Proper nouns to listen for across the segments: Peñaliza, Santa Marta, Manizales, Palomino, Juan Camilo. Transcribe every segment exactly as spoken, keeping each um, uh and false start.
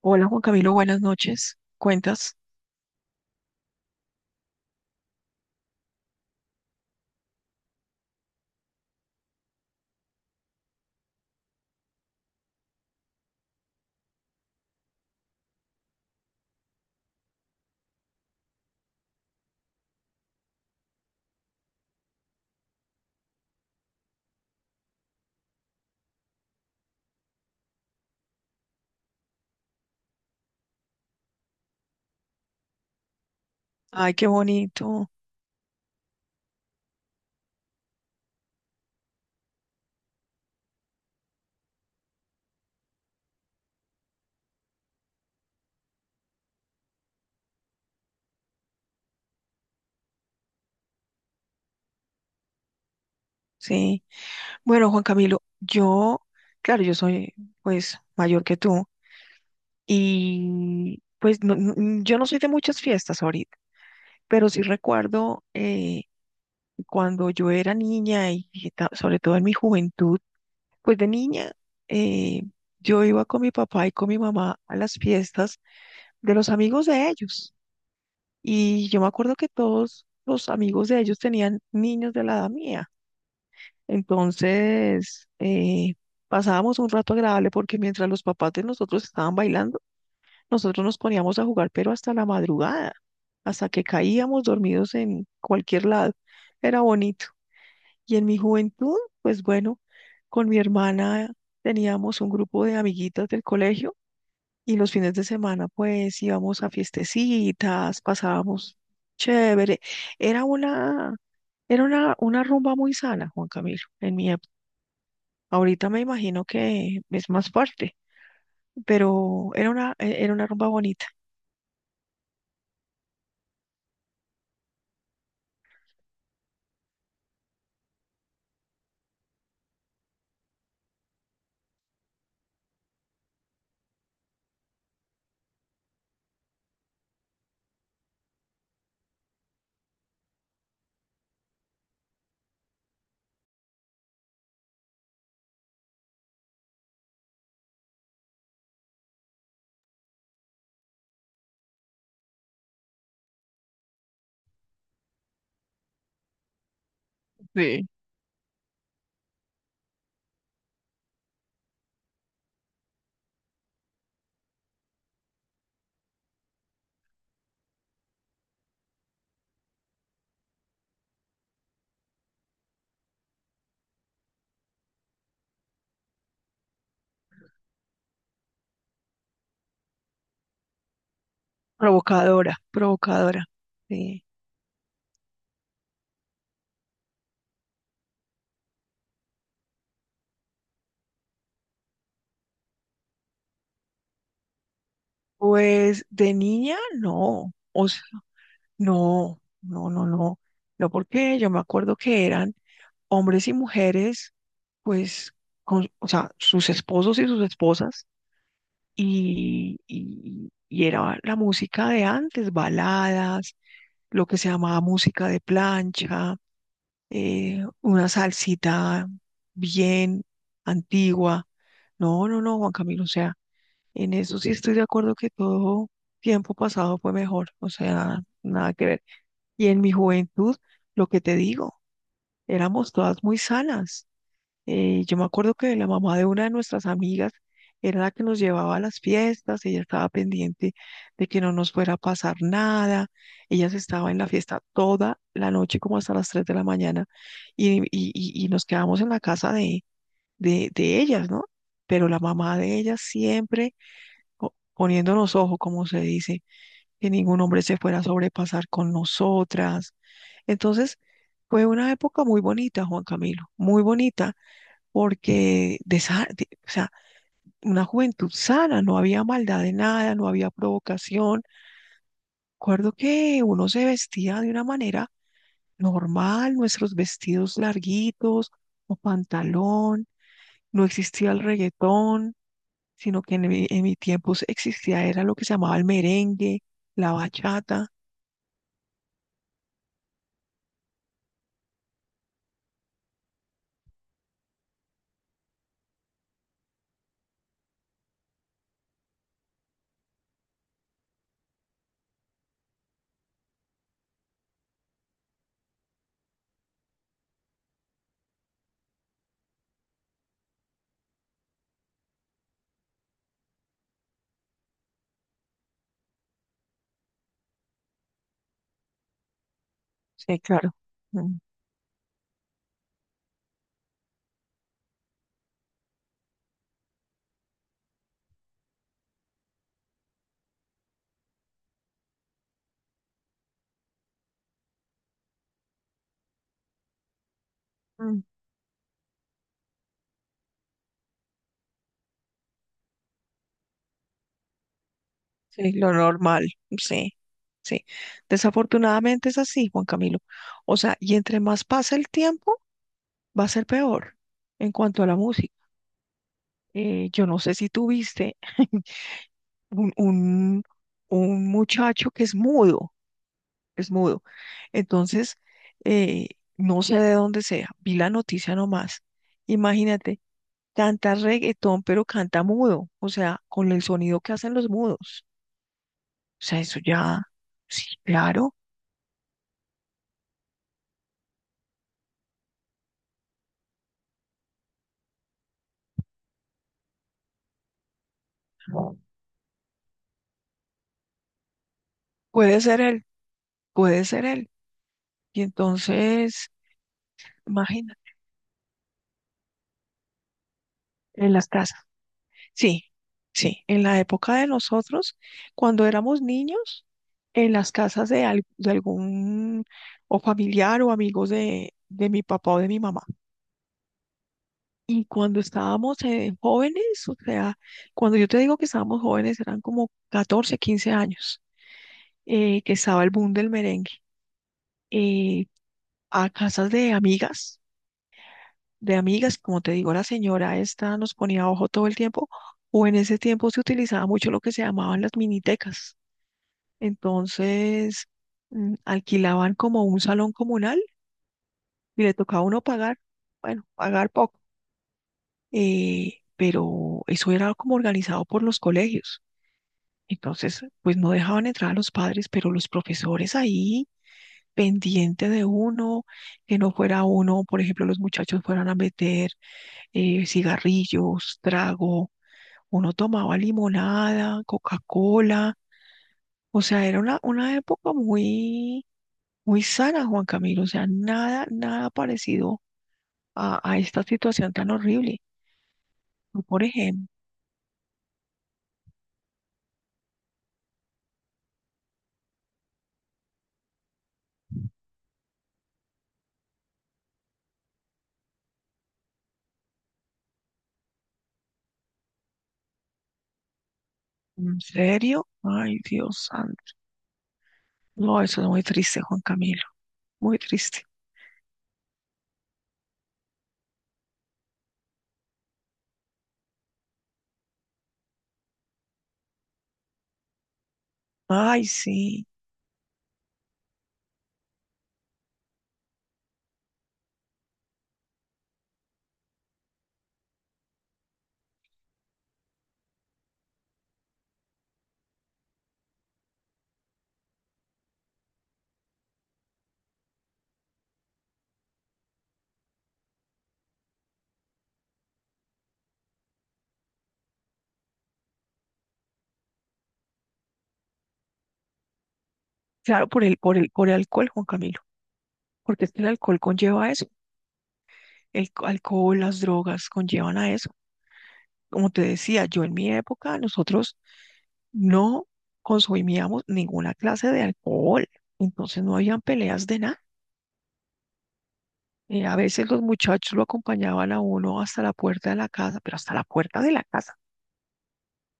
Hola Juan Camilo, buenas noches. ¿Cuentas? Ay, qué bonito. Sí. Bueno, Juan Camilo, yo, claro, yo soy pues mayor que tú y pues no- no- mm, yo no soy de muchas fiestas ahorita, pero sí recuerdo eh, cuando yo era niña y y ta- sobre todo en mi juventud, pues de niña eh, yo iba con mi papá y con mi mamá a las fiestas de los amigos de ellos. Y yo me acuerdo que todos los amigos de ellos tenían niños de la edad mía. Entonces, eh, pasábamos un rato agradable porque mientras los papás de nosotros estaban bailando, nosotros nos poníamos a jugar, pero hasta la madrugada, hasta que caíamos dormidos en cualquier lado. Era bonito. Y en mi juventud, pues bueno, con mi hermana teníamos un grupo de amiguitas del colegio y los fines de semana, pues íbamos a fiestecitas, pasábamos chévere. Era una, era una, una rumba muy sana, Juan Camilo, en mi época. Ahorita me imagino que es más fuerte, pero era una, e- era una rumba bonita. Sí. Provocadora, provocadora. Sí. Pues de niña, no, o sea, no, no, no, no, no, porque yo me acuerdo que eran hombres y mujeres, pues, con, o sea, sus esposos y sus esposas, y, y, y era la música de antes, baladas, lo que se llamaba música de plancha, eh, una salsita bien antigua. No, no, no, Juan Camilo, o sea. En eso sí estoy de acuerdo que todo tiempo pasado fue mejor, o sea, nada que ver. Y en mi juventud, lo que te digo, éramos todas muy sanas. Eh, yo me acuerdo que la mamá de una de nuestras amigas era la que nos llevaba a las fiestas, ella estaba pendiente de que no nos fuera a pasar nada, ella se estaba en la fiesta toda la noche como hasta las tres de la mañana y, y, y- y nos quedábamos en la casa de, de, de ellas, ¿no? Pero la mamá de ellas siempre co- poniendo los ojos, como se dice, que ningún hombre se fuera a sobrepasar con nosotras. Entonces, fue una época muy bonita, Juan Camilo, muy bonita, porque de, sa- de- o sea, una juventud sana, no había maldad de nada, no había provocación. Recuerdo que uno se vestía de una manera normal, nuestros vestidos larguitos o pantalón, no existía el reggaetón, sino que en mi, en mi tiempo se- existía, era lo que se llamaba el merengue, la bachata. Sí, claro. Mm, mm, sí, lo normal, sí, sí. Desafortunadamente es así, Juan Camilo. O sea, y entre más pasa el tiempo, va a ser peor en cuanto a la música. Eh, yo no sé si tú viste un, un, un muchacho que es mudo, es mudo. Entonces, eh, no sé de dónde sea, vi la noticia nomás. Imagínate, canta reggaetón, pero canta mudo, o sea, con el sonido que hacen los mudos. O sea, eso ya, sí, claro, puede ser él, puede ser él. Y entonces, imagínate, en las casas. Sí, sí. En la época de nosotros, cuando éramos niños, en las casas de, al- de algún o familiar o amigos de, de mi papá o de mi mamá. Y cuando estábamos eh, jóvenes, o sea, cuando yo te digo que estábamos jóvenes, eran como catorce, quince años, eh, que estaba el boom del merengue. eh, a casas de amigas, de amigas, como te digo, la señora esta nos ponía ojo todo el tiempo, o en ese tiempo se utilizaba mucho lo que se llamaban las minitecas. Entonces, mm, alquilaban como un salón comunal y le tocaba a uno pagar, bueno, pagar poco, eh, pero eso era como organizado por los colegios. Entonces, pues no dejaban entrar a los padres, pero los profesores ahí pendiente de uno, que no fuera uno, por ejemplo, los muchachos fueran a meter eh, cigarrillos, trago, uno tomaba limonada, Coca-Cola, o sea, era una, una época muy muy sana, Juan Camilo, o sea, nada, nada parecido a, a esta situación tan horrible. Tú, por ejemplo, ¿en serio? Ay, Dios santo. No, eso es muy triste, Juan Camilo, muy triste. Ay, sí. Claro, por el, por el, por el alcohol, Juan Camilo, porque es que el alcohol conlleva eso. El co- alcohol, las drogas conllevan a eso. Como te decía, yo en mi época, nosotros no consumíamos ninguna clase de alcohol, entonces no habían peleas de nada. Eh, a veces los muchachos lo acompañaban a uno hasta la puerta de la casa, pero hasta la puerta de la casa.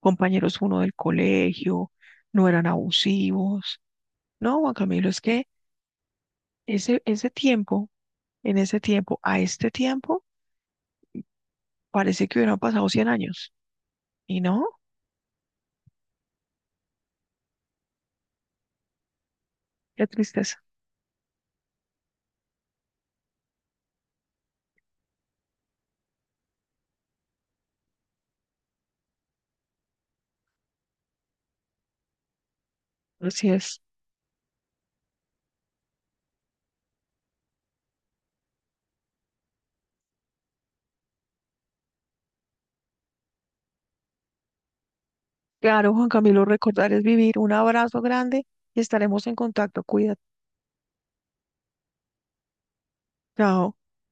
Compañeros uno del colegio, no eran abusivos. No, Juan Camilo, es que ese, ese tiempo, en ese tiempo, a este tiempo, parece que hubieran pasado cien años. Y no, qué tristeza. Así es. Claro, Juan Camilo, recordar es vivir. Un abrazo grande y estaremos en contacto. Cuídate. Chao.